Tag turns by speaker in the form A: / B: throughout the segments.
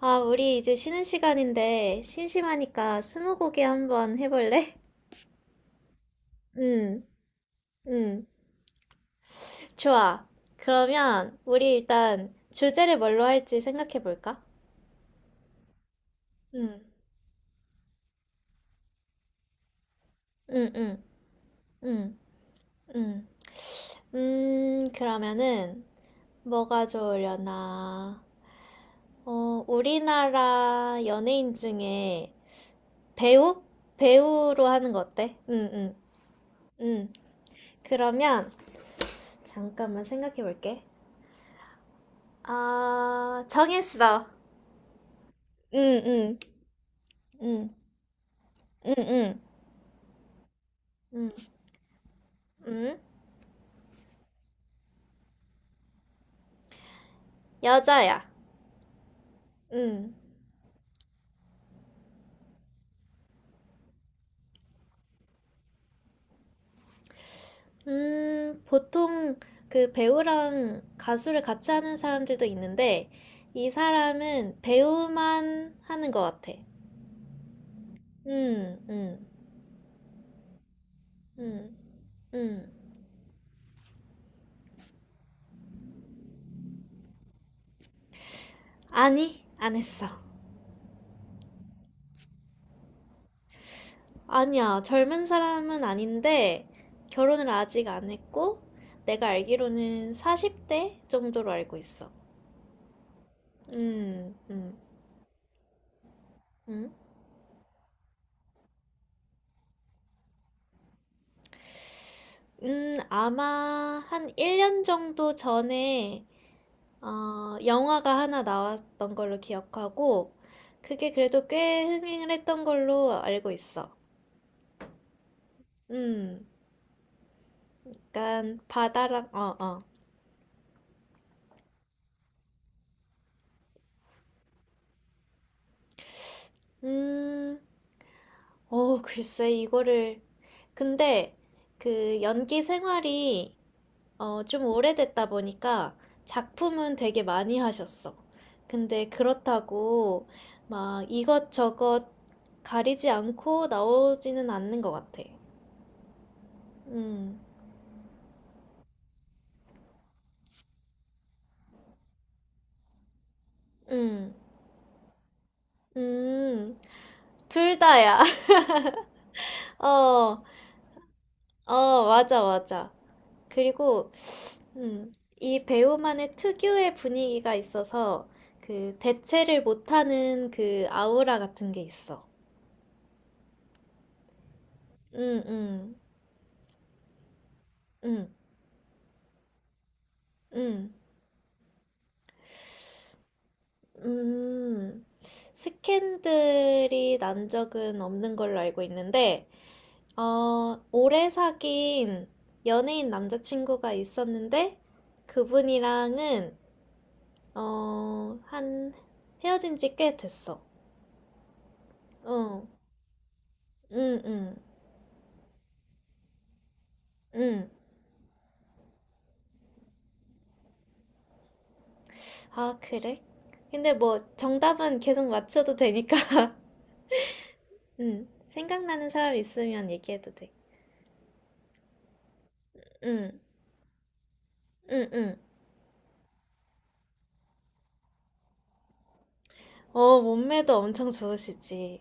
A: 아, 우리 이제 쉬는 시간인데 심심하니까 스무고개 한번 해볼래? 응, 응, 좋아. 그러면 우리 일단 주제를 뭘로 할지 생각해볼까? 응, 응, 응, 응, 응. 그러면은 뭐가 좋으려나? 어, 우리나라 연예인 중에 배우? 배우로 하는 거 어때? 응, 응, 응. 그러면 잠깐만 생각해볼게. 아, 정했어. 응, 응, 응, 응, 응, 응, 응, 여자야. 응. 보통 그 배우랑 가수를 같이 하는 사람들도 있는데, 이 사람은 배우만 하는 것 같아. 응, 응, 응, 응. 아니, 안 했어. 아니야, 젊은 사람은 아닌데, 결혼을 아직 안 했고, 내가 알기로는 40대 정도로 알고 있어. 음, 음, 음. 아마 한 1년 정도 전에 영화가 하나 나왔던 걸로 기억하고 그게 그래도 꽤 흥행을 했던 걸로 알고 있어. 음, 약간 바다랑. 음, 글쎄 이거를 근데 그 연기 생활이 좀 오래됐다 보니까 작품은 되게 많이 하셨어. 근데 그렇다고 막 이것저것 가리지 않고 나오지는 않는 것 같아. 음, 음, 음, 둘 다야. 어, 맞아, 맞아. 그리고, 음, 이 배우만의 특유의 분위기가 있어서 그 대체를 못하는 그 아우라 같은 게 있어. 음, 음, 음, 음. 음, 스캔들이 난 적은 없는 걸로 알고 있는데, 오래 사귄 연예인 남자친구가 있었는데, 그분이랑은, 어, 한, 헤어진 지 꽤 됐어. 어, 응, 응, 응. 아, 그래? 근데 뭐, 정답은 계속 맞춰도 되니까. 응, 생각나는 사람 있으면 얘기해도 돼. 응, 응, 응. 어, 몸매도 엄청 좋으시지.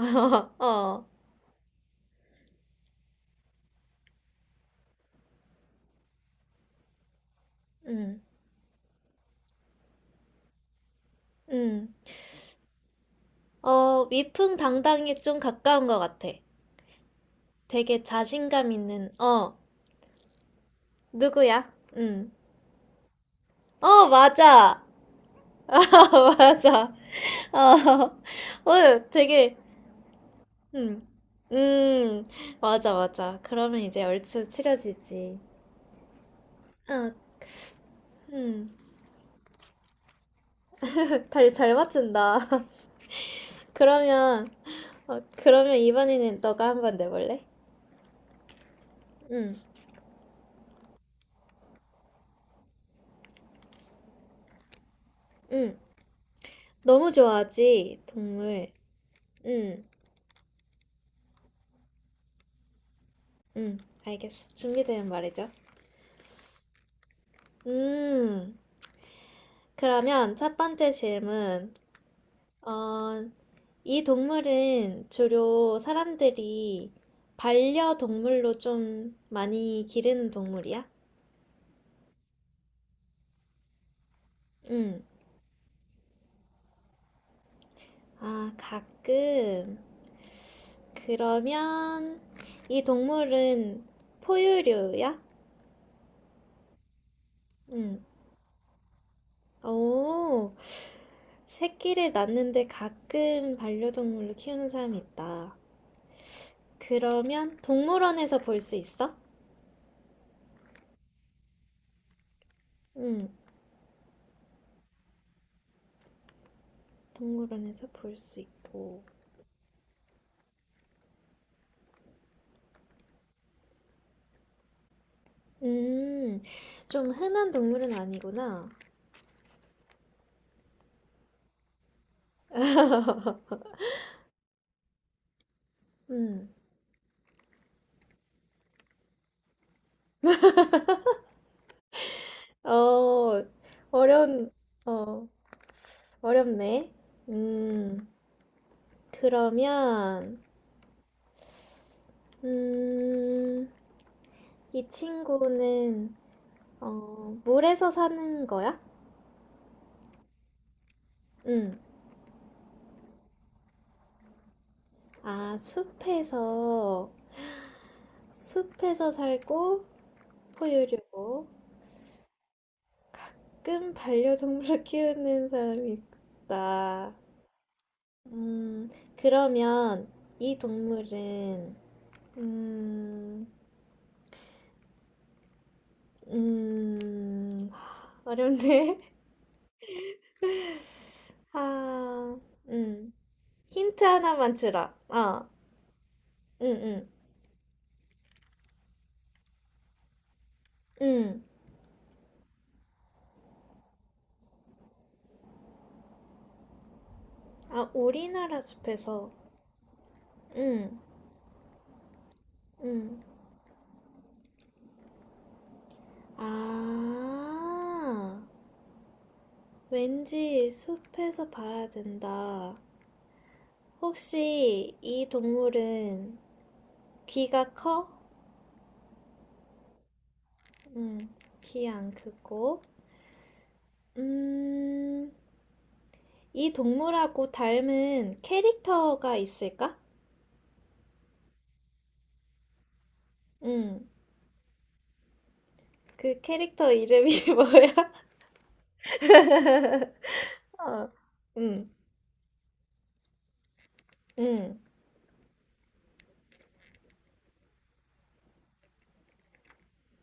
A: 어. 음, 음. 어, 위풍당당에 좀 가까운 것 같아. 되게 자신감 있는, 누구야? 음. 어, 맞아. 어, 맞아. 어, 어, 되게, 음, 음, 맞아, 맞아. 그러면 이제 얼추 추려지지. 어, 음. 잘 맞춘다. 그러면, 그러면 이번에는 너가 한번 내볼래? 응 응 너무 좋아하지, 동물. 응 음, 알겠어. 준비되면 말이죠. 음, 그러면 첫 번째 질문. 어, 이 동물은 주로 사람들이 반려동물로 좀 많이 기르는 동물이야? 음, 가끔. 그러면 이 동물은 포유류야? 음, 오, 새끼를 낳는데 가끔 반려동물로 키우는 사람이 있다. 그러면 동물원에서 볼 수 있어? 응, 동물원에서 볼 수 있고. 음, 좀 흔한 동물은 아니구나. 음, 어, 어려운, 어, 어렵네. 음, 그러면, 음, 이 친구는, 물에서 사는 거야? 응. 아, 숲에서, 살고, 포유류고. 가끔 반려동물을 키우는 사람이 있다. 음, 그러면 이 동물은, 음, 음, 어렵네. 아, 음. 힌트 하나만 주라. 아, 응, 응, 응. 아, 우리나라 숲에서, 응, 응. 아, 왠지 숲에서 봐야 된다. 혹시 이 동물은 귀가 커? 음, 귀 안 크고. 음, 이 동물하고 닮은 캐릭터가 있을까? 음, 그 캐릭터 이름이 뭐야? 어, 음, 음,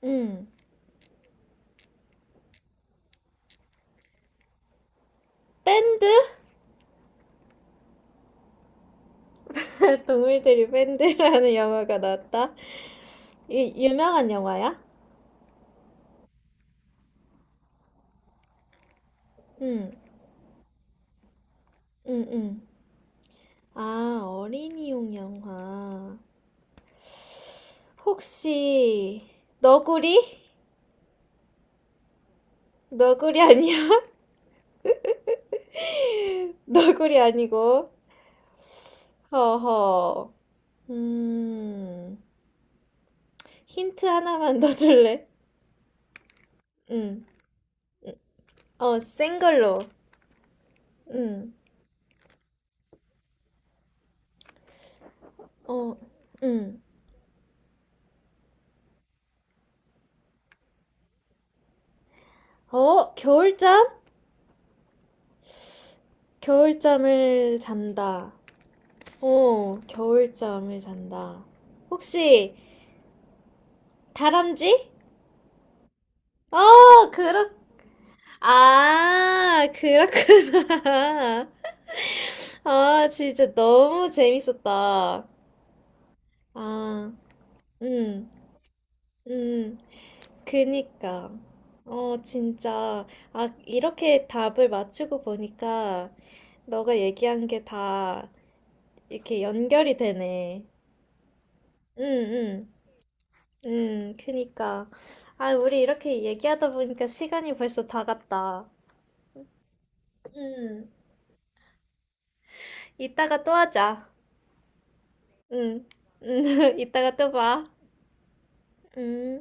A: 음. 밴드? 동물들이 밴드라는 영화가 나왔다. 이 유명한 영화야? 음, 음, 음. 아, 어린이용 영화. 혹시 너구리? 너구리 아니야? 너구리 아니고. 허허. 음, 힌트 하나만 더 줄래? 응. 센 걸로. 응. 어, 응. 어, 겨울잠? 겨울잠을 잔다. 어, 겨울잠을 잔다. 혹시 다람쥐? 어, 아, 그렇구나. 아, 진짜 너무 재밌었다. 아, 응, 응. 그니까. 어, 진짜. 아, 이렇게 답을 맞추고 보니까 너가 얘기한 게 다 이렇게 연결이 되네. 응, 응, 응, 그니까. 아, 우리 이렇게 얘기하다 보니까 시간이 벌써 다 갔다. 응, 이따가 또 하자. 응, 응, 이따가 또 봐. 응.